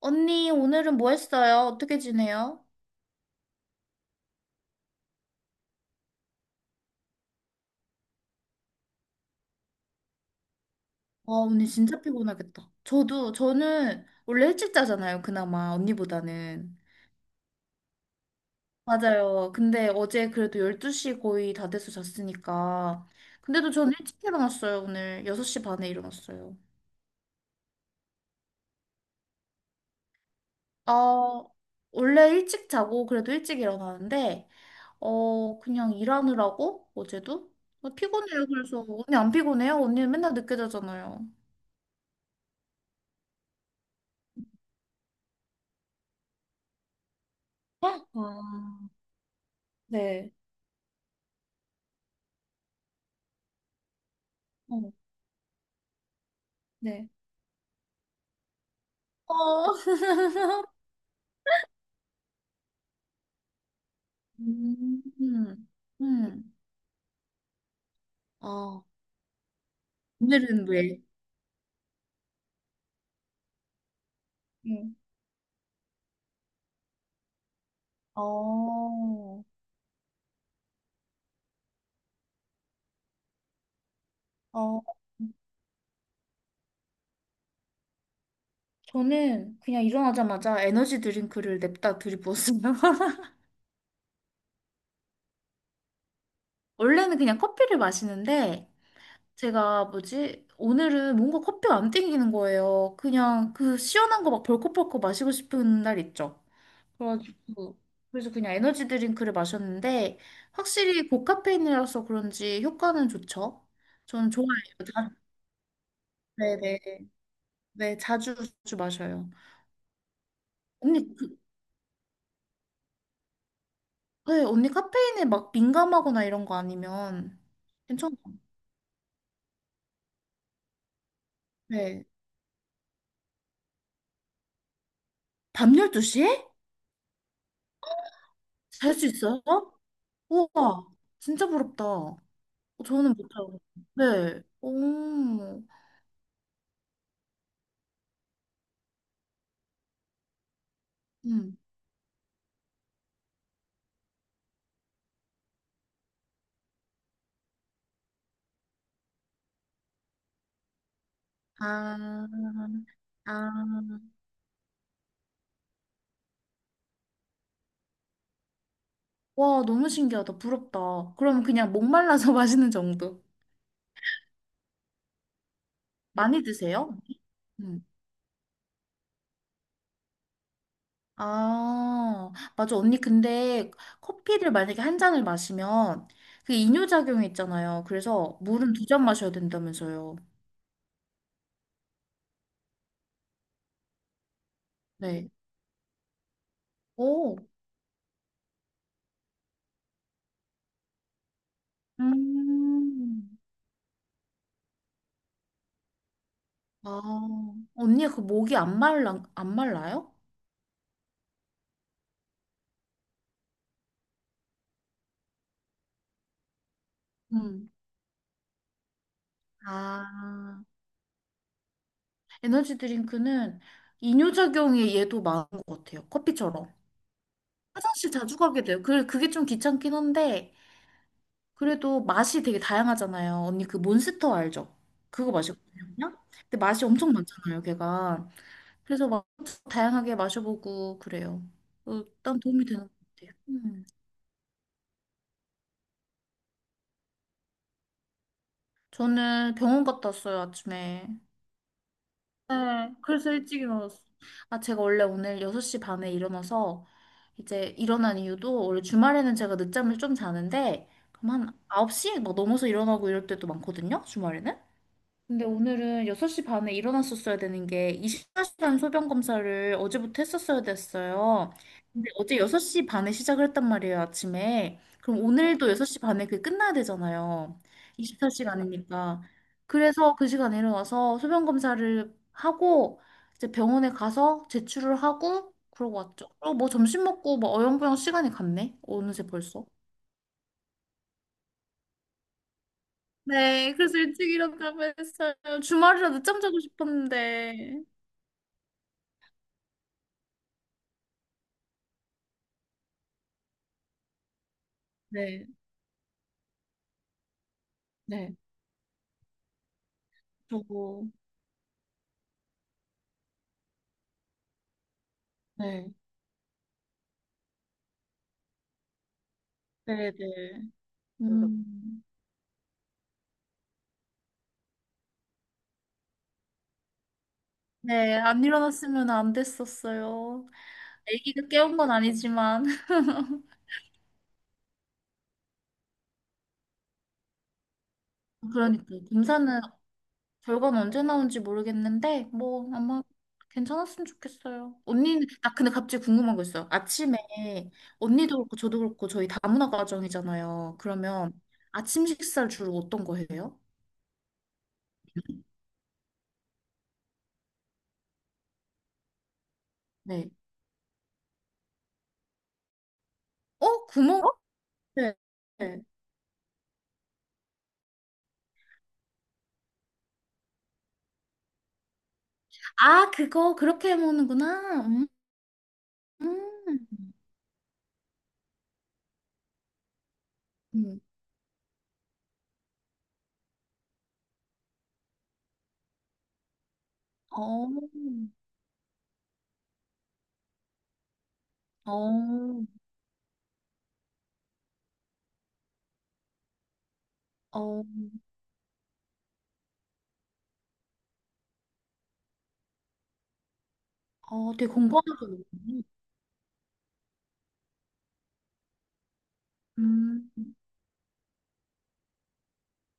언니, 오늘은 뭐 했어요? 어떻게 지내요? 와, 언니 진짜 피곤하겠다. 저는 원래 일찍 자잖아요, 그나마, 언니보다는. 맞아요. 근데 어제 그래도 12시 거의 다 돼서 잤으니까. 근데도 저는 일찍 일어났어요, 오늘. 6시 반에 일어났어요. 어, 원래 일찍 자고 그래도 일찍 일어나는데, 그냥 일하느라고, 어제도? 피곤해요, 그래서. 언니 안 피곤해요? 언니는 맨날 늦게 자잖아요. 아, 네. 어, 네. 어. 음, 음. 음. 어, 오늘은 왜? 음. 어, 어. 저는 그냥 일어나자마자 에너지 드링크를 냅다 들이부었어요. 원래는 그냥 커피를 마시는데 제가 뭐지? 오늘은 뭔가 커피가 안 땡기는 거예요. 그냥 그 시원한 거 막 벌컥벌컥 마시고 싶은 날 있죠. 그래가지고 그래서 그냥 에너지 드링크를 마셨는데 확실히 고카페인이라서 그런지 효과는 좋죠. 저는 좋아해요. 네네. 네, 네, 자주 자주 마셔요. 언니 그, 네, 언니 카페인에 막 민감하거나 이런 거 아니면 괜찮아요. 네. 밤 12시에? 잘 수 있어요? 우와, 진짜 부럽다. 저는 못해요. 네. 오. 음. 아, 아. 와, 너무 신기하다. 부럽다. 그럼 그냥 목말라서 마시는 정도. 많이 드세요? 음. 아, 맞아. 언니, 근데 커피를 만약에 한 잔을 마시면 그 이뇨작용이 있잖아요. 그래서 물은 두 잔 마셔야 된다면서요. 네. 오, 음. 아, 언니가 그 목이 안 말라, 안 말라요? 음. 아, 에너지 드링크는 이뇨작용이 얘도 많은 것 같아요. 커피처럼. 화장실 자주 가게 돼요. 그게 좀 귀찮긴 한데, 그래도 맛이 되게 다양하잖아요. 언니 그 몬스터 알죠? 그거 마셨거든요. 근데 맛이 엄청 많잖아요, 걔가. 그래서 막 다양하게 마셔보고 그래요. 일단 도움이 되는 것 같아요. 음. 저는 병원 갔다 왔어요, 아침에. 네, 그래서 일찍 일어났어요. 아, 제가 원래 오늘 6시 반에 일어나서 이제 일어난 이유도 원래 주말에는 제가 늦잠을 좀 자는데, 그럼 한 9시 막 넘어서 일어나고 이럴 때도 많거든요, 주말에는. 근데 오늘은 6시 반에 일어났었어야 되는 게 24시간 소변 검사를 어제부터 했었어야 됐어요. 근데 어제 6시 반에 시작을 했단 말이에요, 아침에. 그럼 오늘도 6시 반에 그게 끝나야 되잖아요. 24시간이니까. 그래서 그 시간에 일어나서 소변 검사를 하고 이제 병원에 가서 제출을 하고 그러고 왔죠. 그리고 뭐 점심 먹고 뭐 어영부영 시간이 갔네. 어느새 벌써. 네, 그래서 일찍 일어나고 했어요. 주말이라 늦잠 자고 싶었는데. 네. 네, 저거, 네, 네, 네. 음, 네, 안 일어났으면 안 됐었어요. 아기가 깨운 건 아니지만. 그러니까, 검사는, 결과는 언제 나온지 모르겠는데, 뭐, 아마 괜찮았으면 좋겠어요. 언니는, 아, 근데 갑자기 궁금한 거 있어요. 아침에, 언니도 그렇고, 저도 그렇고, 저희 다문화 가정이잖아요. 그러면, 아침 식사를 주로 어떤 거 해요? 네. 어, 어? 구멍? 네. 네. 그렇게 해 먹는구나. 음. 음. 어, 어, 어, 되게 공부하면서 먹네. 음,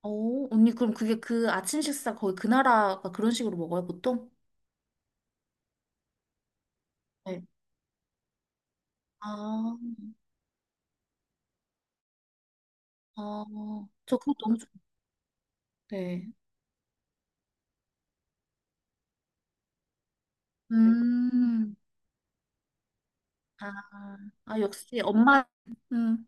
언니, 그럼 그게 그 아침 식사 거의 그 나라가 그런 식으로 먹어요, 보통? 네. 아, 아, 저 그거 너무 좋. 네. 음, 아, 역시 엄마, 음,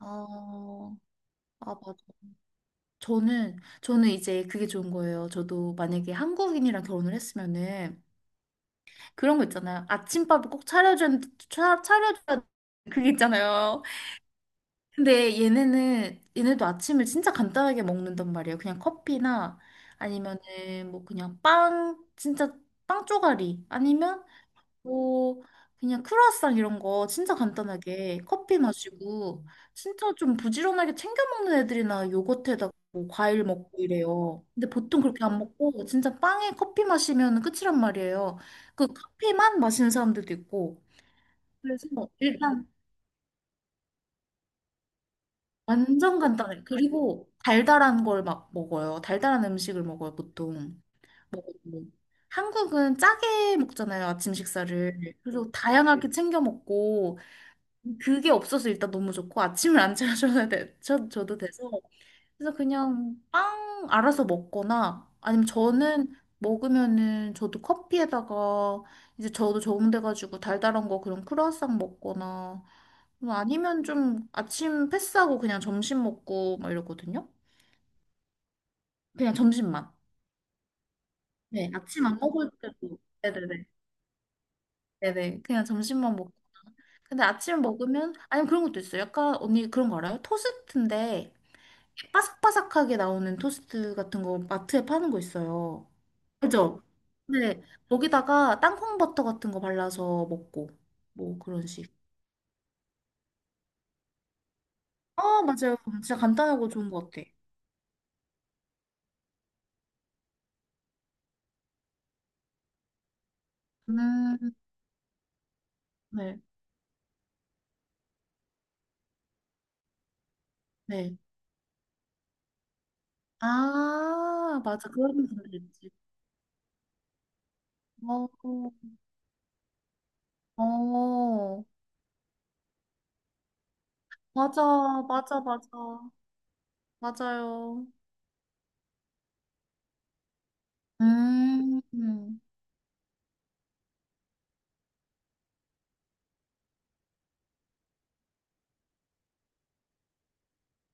어, 아, 맞아. 저는 이제 그게 좋은 거예요. 저도 만약에 한국인이랑 결혼을 했으면은 그런 거 있잖아요. 아침밥을 꼭 차려줘야, 차, 차려줘야 그게 있잖아요. 근데 얘네는 얘네도 아침을 진짜 간단하게 먹는단 말이에요. 그냥 커피나 아니면은 뭐 그냥 빵 진짜 빵 쪼가리 아니면 뭐 그냥 크루아상 이런 거 진짜 간단하게 커피 마시고 진짜 좀 부지런하게 챙겨 먹는 애들이나 요거트에다가 뭐 과일 먹고 이래요. 근데 보통 그렇게 안 먹고 진짜 빵에 커피 마시면 끝이란 말이에요. 그 커피만 마시는 사람들도 있고. 그래서 일단 완전 간단해. 그리고 달달한 걸 막 먹어요. 달달한 음식을 먹어요, 보통. 뭐, 한국은 짜게 먹잖아요, 아침 식사를. 그리고 다양하게 챙겨 먹고, 그게 없어서 일단 너무 좋고, 아침을 안 차려줘야 돼. 저도 돼서. 그래서 그냥 빵 알아서 먹거나, 아니면 저는 먹으면은 저도 커피에다가, 이제 저도 적응돼가지고 달달한 거 그런 크루아상 먹거나, 뭐 아니면 좀 아침 패스하고 그냥 점심 먹고 막 이러거든요. 그냥 점심만. 네. 아침 안 먹을 때도. 네네네. 네네. 그냥 점심만 먹고. 근데 아침 먹으면 아니면 그런 것도 있어요. 약간 언니 그런 거 알아요? 토스트인데 바삭바삭하게 나오는 토스트 같은 거 마트에 파는 거 있어요. 그죠? 네. 거기다가 땅콩 버터 같은 거 발라서 먹고 뭐 그런 식. 아 맞아요. 진짜 간단하고 좋은 것 같아. 음, 네. 네. 아, 맞아. 그런 분들 있지. 어, 어, 맞아, 맞아, 맞아. 맞아요. 음,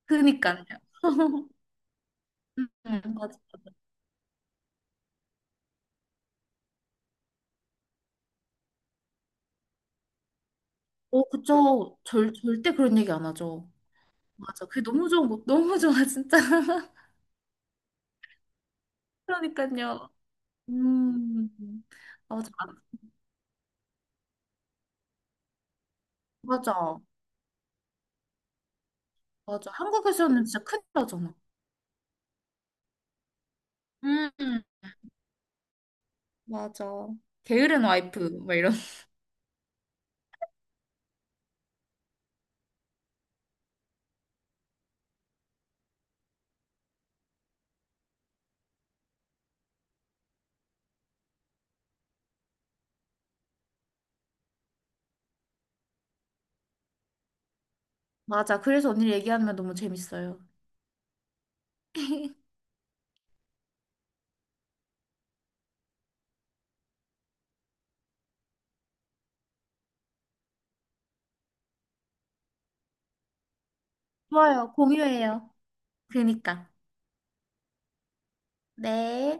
그니까요. 맞아, 맞아. 어, 그쵸. 절대 그런 얘기 안 하죠. 맞아. 그게 너무 좋은 거, 너무 좋아, 진짜. 그러니까요. 음, 맞아, 맞아, 맞아. 한국에서는 진짜 큰일 나잖아. 음, 맞아. 게으른 와이프, 막 이런. 맞아. 그래서 언니를 얘기하면 너무 재밌어요. 좋아요. 공유해요. 그니까. 네.